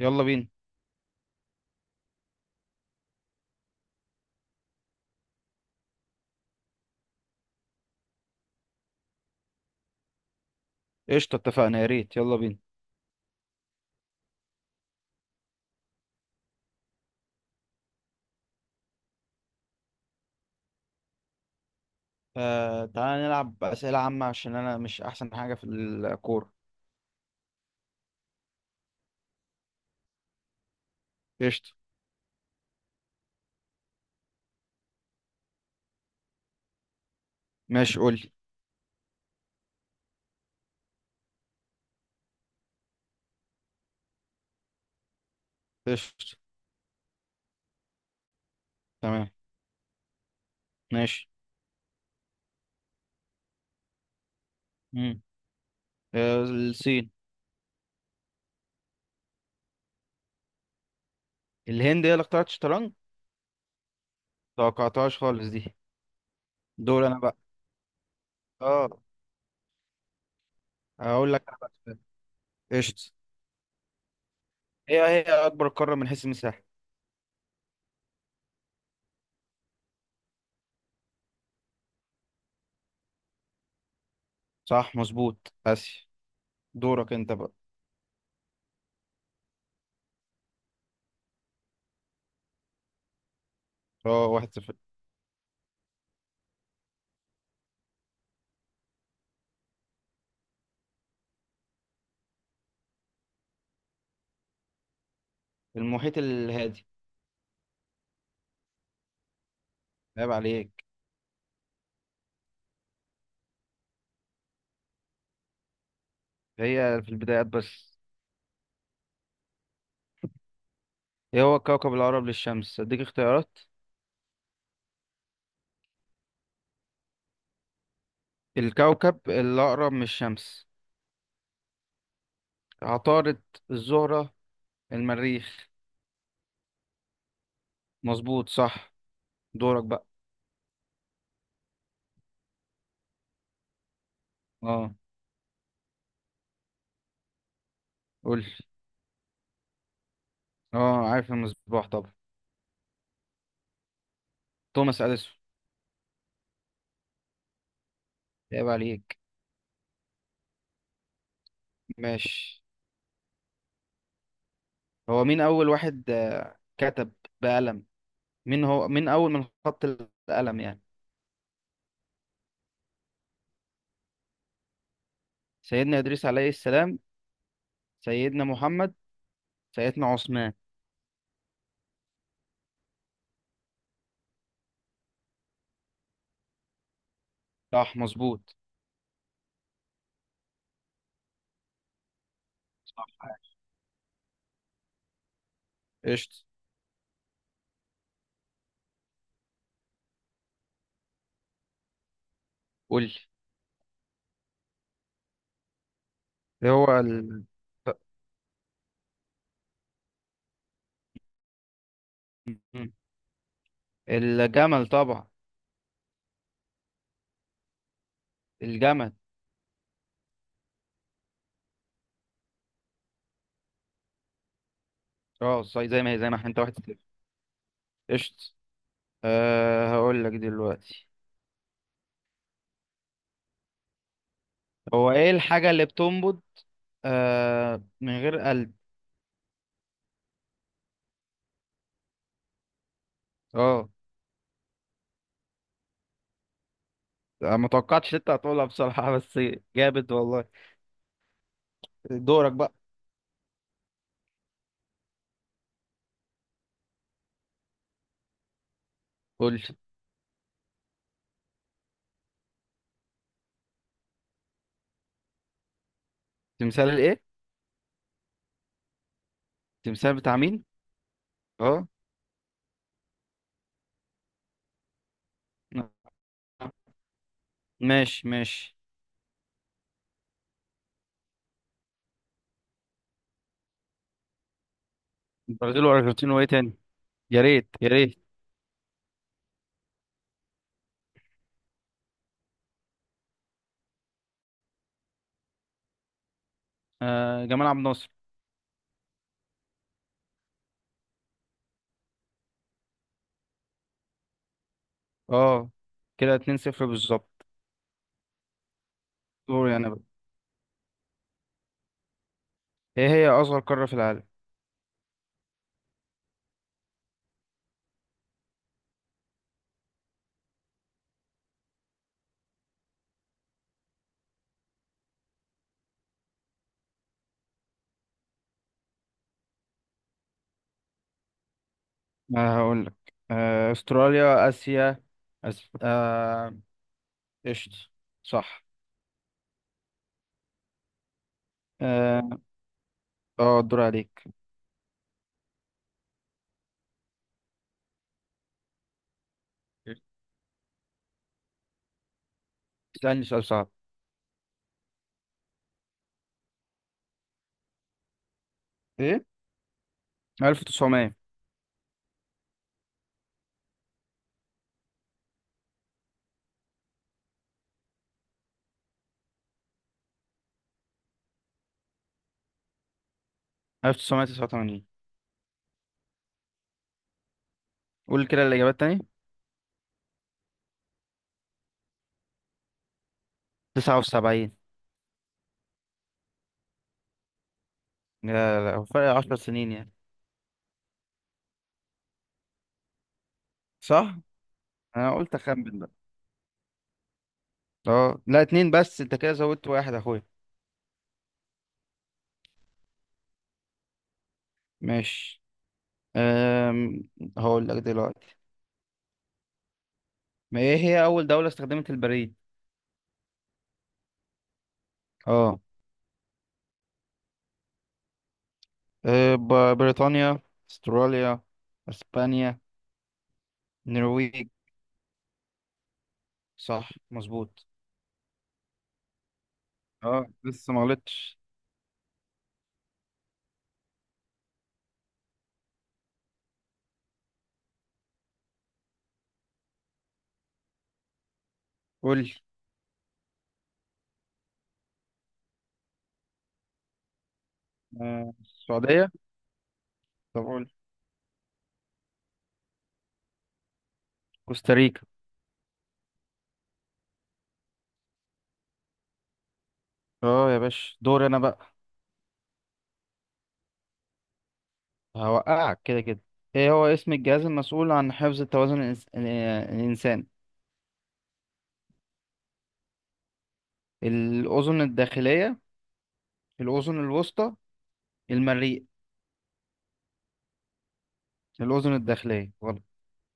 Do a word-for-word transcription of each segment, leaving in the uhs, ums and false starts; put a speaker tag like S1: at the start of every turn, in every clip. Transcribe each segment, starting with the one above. S1: يلا بينا. قشطة، اتفقنا، يا ريت، يلا بينا. آه، تعالى نلعب أسئلة عامة عشان أنا مش أحسن حاجة في الكورة. قشطة. ماشي، قول لي. قشطة. تمام. ماشي. مم. آه، الصين. الهند هي اللي اخترعت الشطرنج، توقعتهاش خالص دي. دول انا بقى. اه. هقول لك انا بقى سؤال. قشطة. هي هي أكبر قارة من حيث المساحة؟ صح مظبوط، آسيا. دورك انت بقى. اه، واحد صفر. المحيط الهادي. عيب عليك. هي في البدايات بس. ايه هو الكوكب الأقرب للشمس؟ اديك اختيارات. الكوكب الأقرب من الشمس: عطارد، الزهرة، المريخ. مظبوط صح. دورك بقى. اه، قول. اه عارف المصباح طبعا. توماس أديسون. عيب عليك. ماشي. هو مين أول واحد آه، كتب بقلم؟ مين هو، مين أول من خط القلم يعني؟ سيدنا إدريس عليه السلام، سيدنا محمد، سيدنا عثمان. صح مظبوط. قشطة. قول لي. ايه هو ال... الجمل طبعا. الجمل. اه، زي زي ما هي، زي ما احنا، انت واحد صفر. قشط. أه، هقول لك دلوقتي. هو ايه الحاجة اللي بتنبض أه من غير قلب؟ اه، ما توقعتش انت هتقولها بصراحة، بس جابت والله. دورك بقى. قول لي. تمثال الايه؟ تمثال بتاع مين؟ اه. ماشي ماشي. البرازيل والارجنتين وايه تاني؟ يا ريت يا ريت. أه، جمال عبد الناصر. اه، كده اتنين صفر بالظبط. دوري انا بقى. ايه هي اصغر قارة في العالم؟ آه، هقول لك. آه، استراليا، اسيا. أس... آه، قشطة. صح. اه. آه، الدور عليك. اسألني سؤال صعب. ايه؟ ألف وتسعمية؟ ألف وتسعمية تسعة وتمانين. قول كده الاجابات تاني. تسعة وسبعين. لا، لا، هو فرق عشر سنين يعني. صح. انا قلت اخمن بقى. اه لا، اتنين بس، انت كده زودت واحد يا اخويا. ماشي. أم... هقول لك دلوقتي. ما ايه هي اول دولة استخدمت البريد؟ اه. آه، ب- بريطانيا، استراليا، اسبانيا، نرويج. صح مظبوط. اه، لسه ما غلطتش. قول لي. آه، السعودية. طب قول. كوستاريكا. اه يا باشا، دور انا بقى. هوقعك كده كده. ايه هو اسم الجهاز المسؤول عن حفظ التوازن الإنس... آه، الانسان؟ الاذن الداخليه، الاذن الوسطى، المريء. الاذن الداخليه. غلط.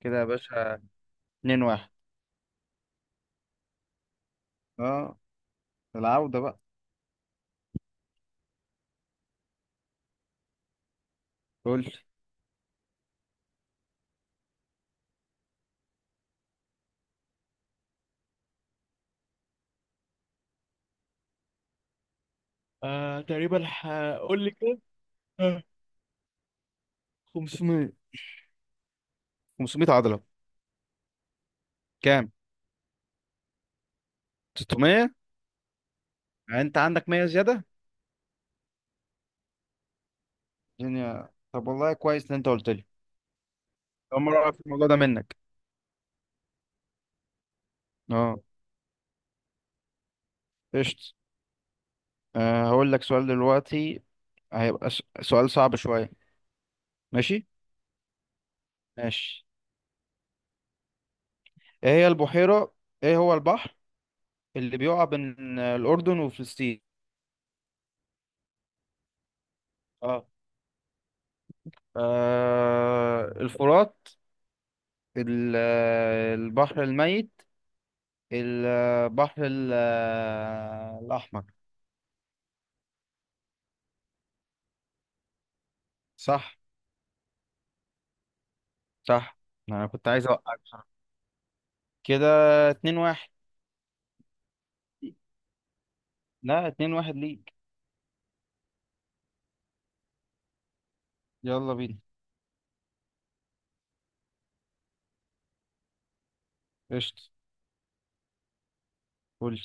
S1: كده يا باشا، اتنين واحد. اه، العودة بقى. قول لي. آه، خمسمية. خمسمية عضله. كام؟ ستمية. يعني انت عندك مية زياده. الدنيا طب، والله كويس ان انت قلت لي. اول مره اعرف الموضوع ده منك. اه. قشط. آه، هقول لك سؤال دلوقتي. هيبقى س- سؤال صعب شويه. ماشي. ماشي. ايه هي البحيره؟ ايه هو البحر اللي بيقع بين الاردن وفلسطين؟ اه. آه، الفرات، ال- البحر الميت، البحر ال- الاحمر. صح. صح، انا كنت عايز اوقعك بصراحة. كده اتنين واحد. لا، اتنين واحد ليك. يلا بينا. قشطة. قولي.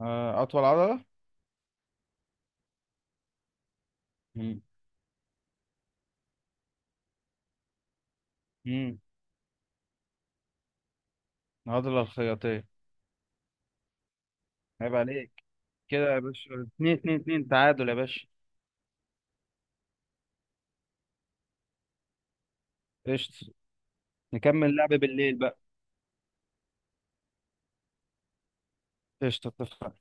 S1: آه، أطول عضلة. مم. مم. العضلة الخياطية. عيب عليك. كده يا باشا، اتنين اتنين. اتنين تعادل يا باشا. قشطة. نكمل لعب بالليل بقى. قشطة، اتفقنا.